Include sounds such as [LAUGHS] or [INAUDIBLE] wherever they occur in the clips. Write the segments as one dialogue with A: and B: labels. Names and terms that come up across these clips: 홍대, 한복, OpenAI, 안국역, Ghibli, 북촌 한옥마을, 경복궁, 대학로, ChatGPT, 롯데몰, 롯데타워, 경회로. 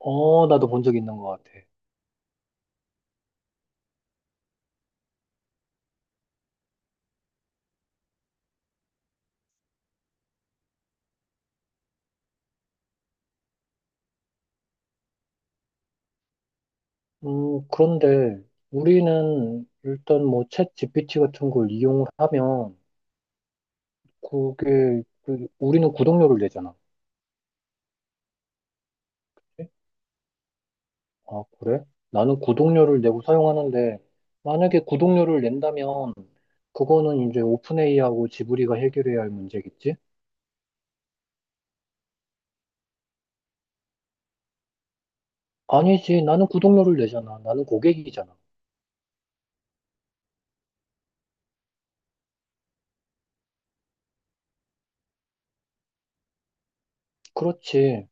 A: 어, 나도 본 적 있는 것 같아. 그런데 우리는 일단 뭐 챗 GPT 같은 걸 이용을 하면 그게 그 우리는 구독료를 내잖아. 그치? 아, 그래? 나는 구독료를 내고 사용하는데 만약에 구독료를 낸다면 그거는 이제 오픈AI하고 지브리가 해결해야 할 문제겠지? 아니지. 나는 구독료를 내잖아. 나는 고객이잖아. 그렇지.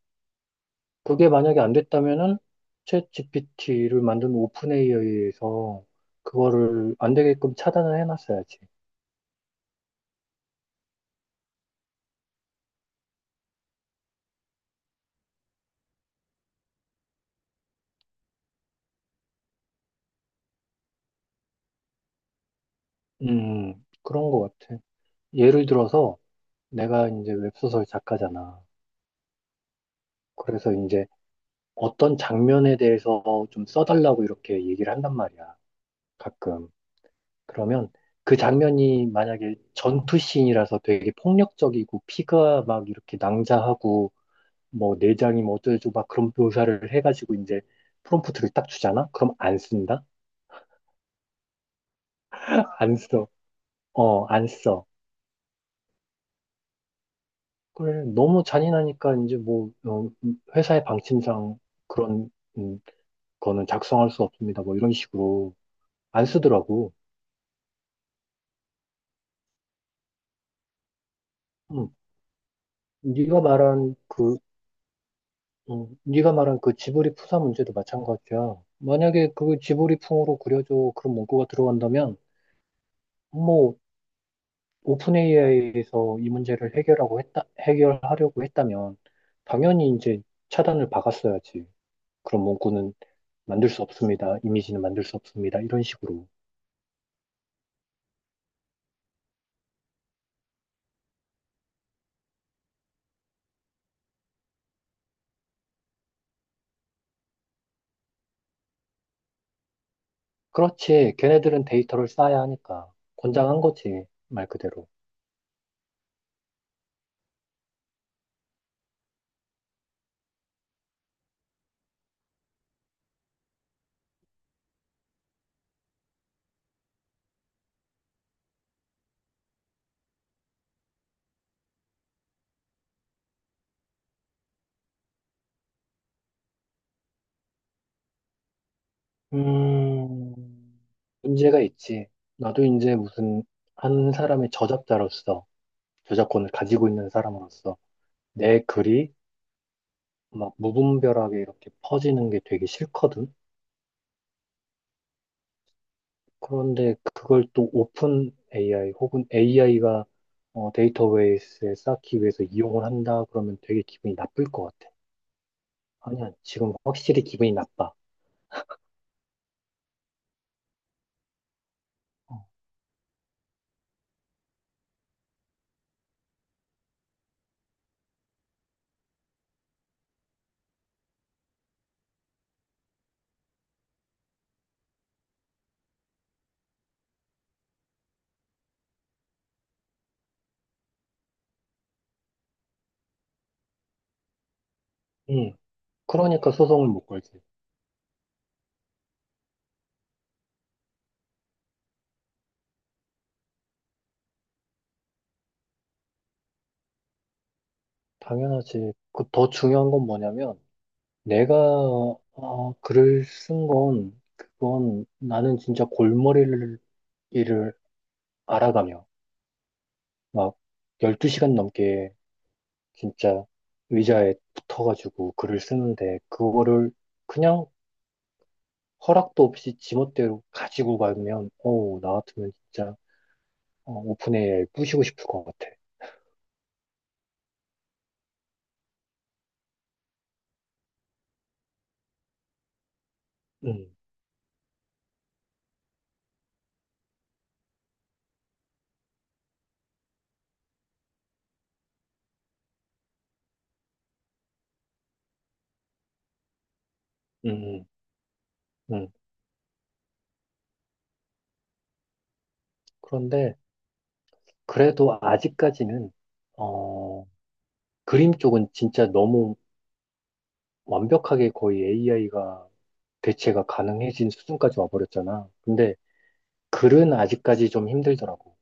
A: 그게 만약에 안 됐다면은 챗 GPT를 만든 오픈 AI에서 그거를 안 되게끔 차단을 해놨어야지. 음, 그런 것 같아. 예를 들어서 내가 이제 웹소설 작가잖아. 그래서 이제 어떤 장면에 대해서 좀 써달라고 이렇게 얘기를 한단 말이야. 가끔. 그러면 그 장면이 만약에 전투씬이라서 되게 폭력적이고 피가 막 이렇게 낭자하고 뭐 내장이 뭐 어쩌고 막 그런 묘사를 해가지고 이제 프롬프트를 딱 주잖아? 그럼 안 쓴다? 안 써. 안 써. 그래, 너무 잔인하니까 이제 뭐 회사의 방침상 그런 음, 거는 작성할 수 없습니다. 뭐 이런 식으로 안 쓰더라고. 음, 네가 말한 그 네가 말한 그 지브리 푸사 문제도 마찬가지야. 만약에 그 지브리 풍으로 그려줘 그런 문구가 들어간다면 뭐 오픈 AI에서 이 문제를 해결하고 했다, 해결하려고 했다면 당연히 이제 차단을 박았어야지. 그런 문구는 만들 수 없습니다. 이미지는 만들 수 없습니다. 이런 식으로. 그렇지. 걔네들은 데이터를 쌓아야 하니까 권장한 거지. 말 그대로. 음, 문제가 있지. 나도 이제 무슨 한 사람의 저작자로서 저작권을 가지고 있는 사람으로서 내 글이 막 무분별하게 이렇게 퍼지는 게 되게 싫거든. 그런데 그걸 또 오픈 AI 혹은 AI가 데이터 베이스에 쌓기 위해서 이용을 한다 그러면 되게 기분이 나쁠 것 같아. 아니야, 지금 확실히 기분이 나빠. 어. 응, 그러니까 소송을 못 걸지. 당연하지. 그 더 중요한 건 뭐냐면 내가 글을 쓴 건 그건 나는 진짜 골머리를 일을 알아가며 막 12시간 넘게 진짜 의자에 붙어가지고 글을 쓰는데 그거를 그냥 허락도 없이 지멋대로 가지고 가면 어우 나 같으면 진짜 오픈 AI 부시고 싶을 것 같아. 음, 음, 음. 음. 그런데 그래도 아직까지는 어, 그림 쪽은 진짜 너무 완벽하게 거의 AI가 대체가 가능해진 수준까지 와버렸잖아. 근데 글은 아직까지 좀 힘들더라고.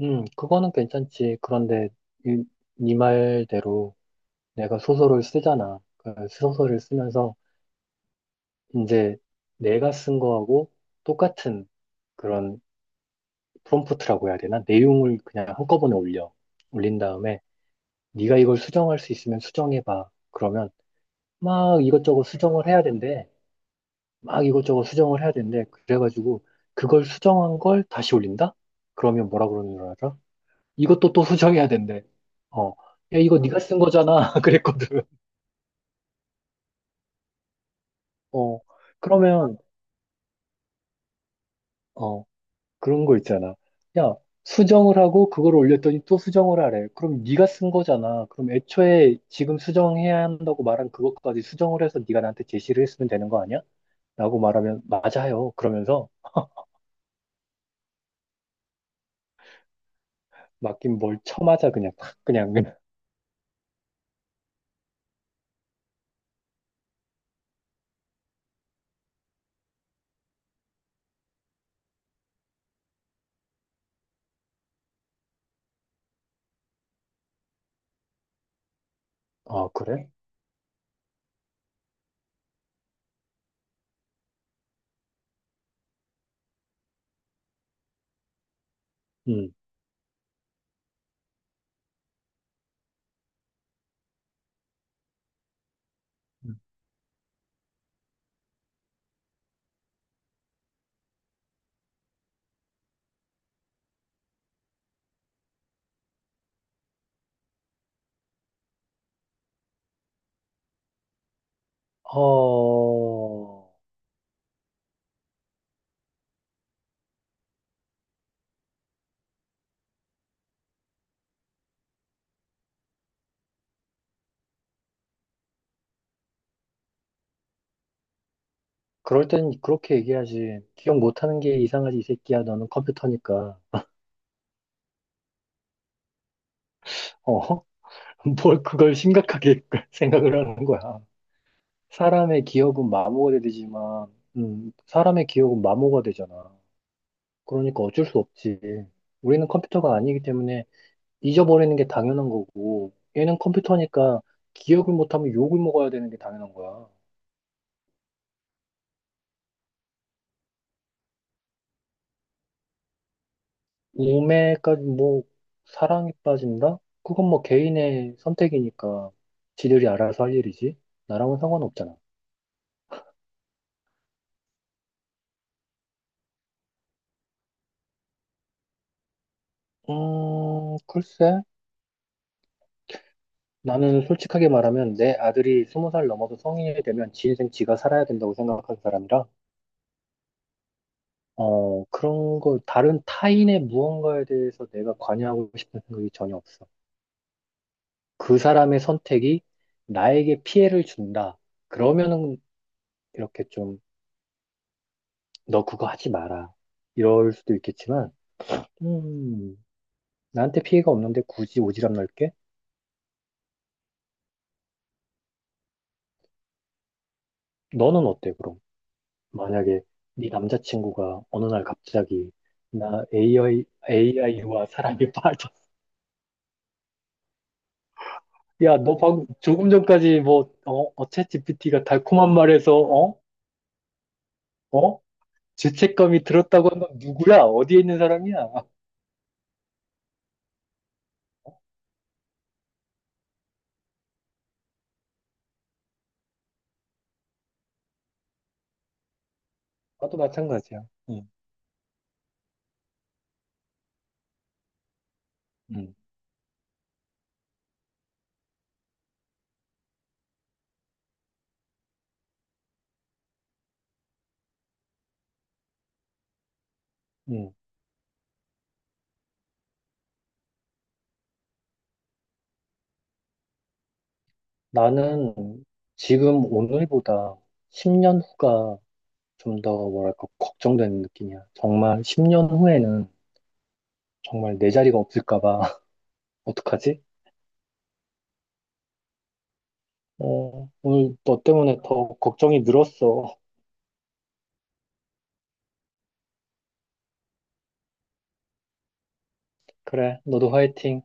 A: 그거는 괜찮지. 그런데 이, 네 말대로 내가 소설을 쓰잖아. 그 소설을 쓰면서 이제 내가 쓴 거하고 똑같은 그런 프롬프트라고 해야 되나? 내용을 그냥 한꺼번에 올려. 올린 다음에 네가 이걸 수정할 수 있으면 수정해봐. 그러면 막 이것저것 수정을 해야 된대. 막 이것저것 수정을 해야 된대. 그래가지고 그걸 수정한 걸 다시 올린다? 그러면 뭐라 그러는 줄 알아? 이것도 또 수정해야 된대. 어. 야, 이거 네가 쓴 거잖아. [LAUGHS] 그랬거든. 어. 그러면 어, 그런 거 있잖아. 야, 수정을 하고 그걸 올렸더니 또 수정을 하래. 그럼 네가 쓴 거잖아. 그럼 애초에 지금 수정해야 한다고 말한 그것까지 수정을 해서 네가 나한테 제시를 했으면 되는 거 아니야? 라고 말하면 맞아요. 그러면서 맡긴 뭘 쳐맞아 그냥 탁 그냥 그냥. [LAUGHS] 아, 그래? 응. 음. 어, 그럴 땐 그렇게 얘기하지. 기억 못하는 게 이상하지, 이 새끼야. 너는 컴퓨터니까. 어, [LAUGHS] 뭘 그걸 심각하게 [LAUGHS] 생각을 하는 거야. 사람의 기억은 마모가 되지만, 사람의 기억은 마모가 되잖아. 그러니까 어쩔 수 없지. 우리는 컴퓨터가 아니기 때문에 잊어버리는 게 당연한 거고, 얘는 컴퓨터니까 기억을 못하면 욕을 먹어야 되는 게 당연한 거야. 우매까지 뭐, 사랑에 빠진다? 그건 뭐 개인의 선택이니까 지들이 알아서 할 일이지. 나랑은 상관없잖아. 글쎄. 나는 솔직하게 말하면 내 아들이 스무 살 넘어서 성인이 되면 지 인생 지가 살아야 된다고 생각하는 사람이라, 그런 거, 다른 타인의 무언가에 대해서 내가 관여하고 싶은 생각이 전혀 없어. 그 사람의 선택이 나에게 피해를 준다. 그러면은 이렇게 좀, 너 그거 하지 마라. 이럴 수도 있겠지만, 음, 나한테 피해가 없는데 굳이 오지랖 넓게? 너는 어때, 그럼? 만약에 네 남자친구가 어느 날 갑자기 나 AI, AI와 사랑에 빠졌어. [LAUGHS] 야, 너 방금 조금 전까지 뭐, 챗GPT가 달콤한 말에서, 어? 어? 죄책감이 들었다고 한 건 누구야? 어디에 있는 사람이야? 나도 마찬가지야. 응, 응, 응. 나는 지금 오늘보다 10년 후가 좀 더 뭐랄까, 걱정되는 느낌이야. 정말 10년 후에는 정말 내 자리가 없을까 봐. [LAUGHS] 어떡하지? 어, 오늘 너 때문에 더 걱정이 늘었어. 그래, 너도 화이팅.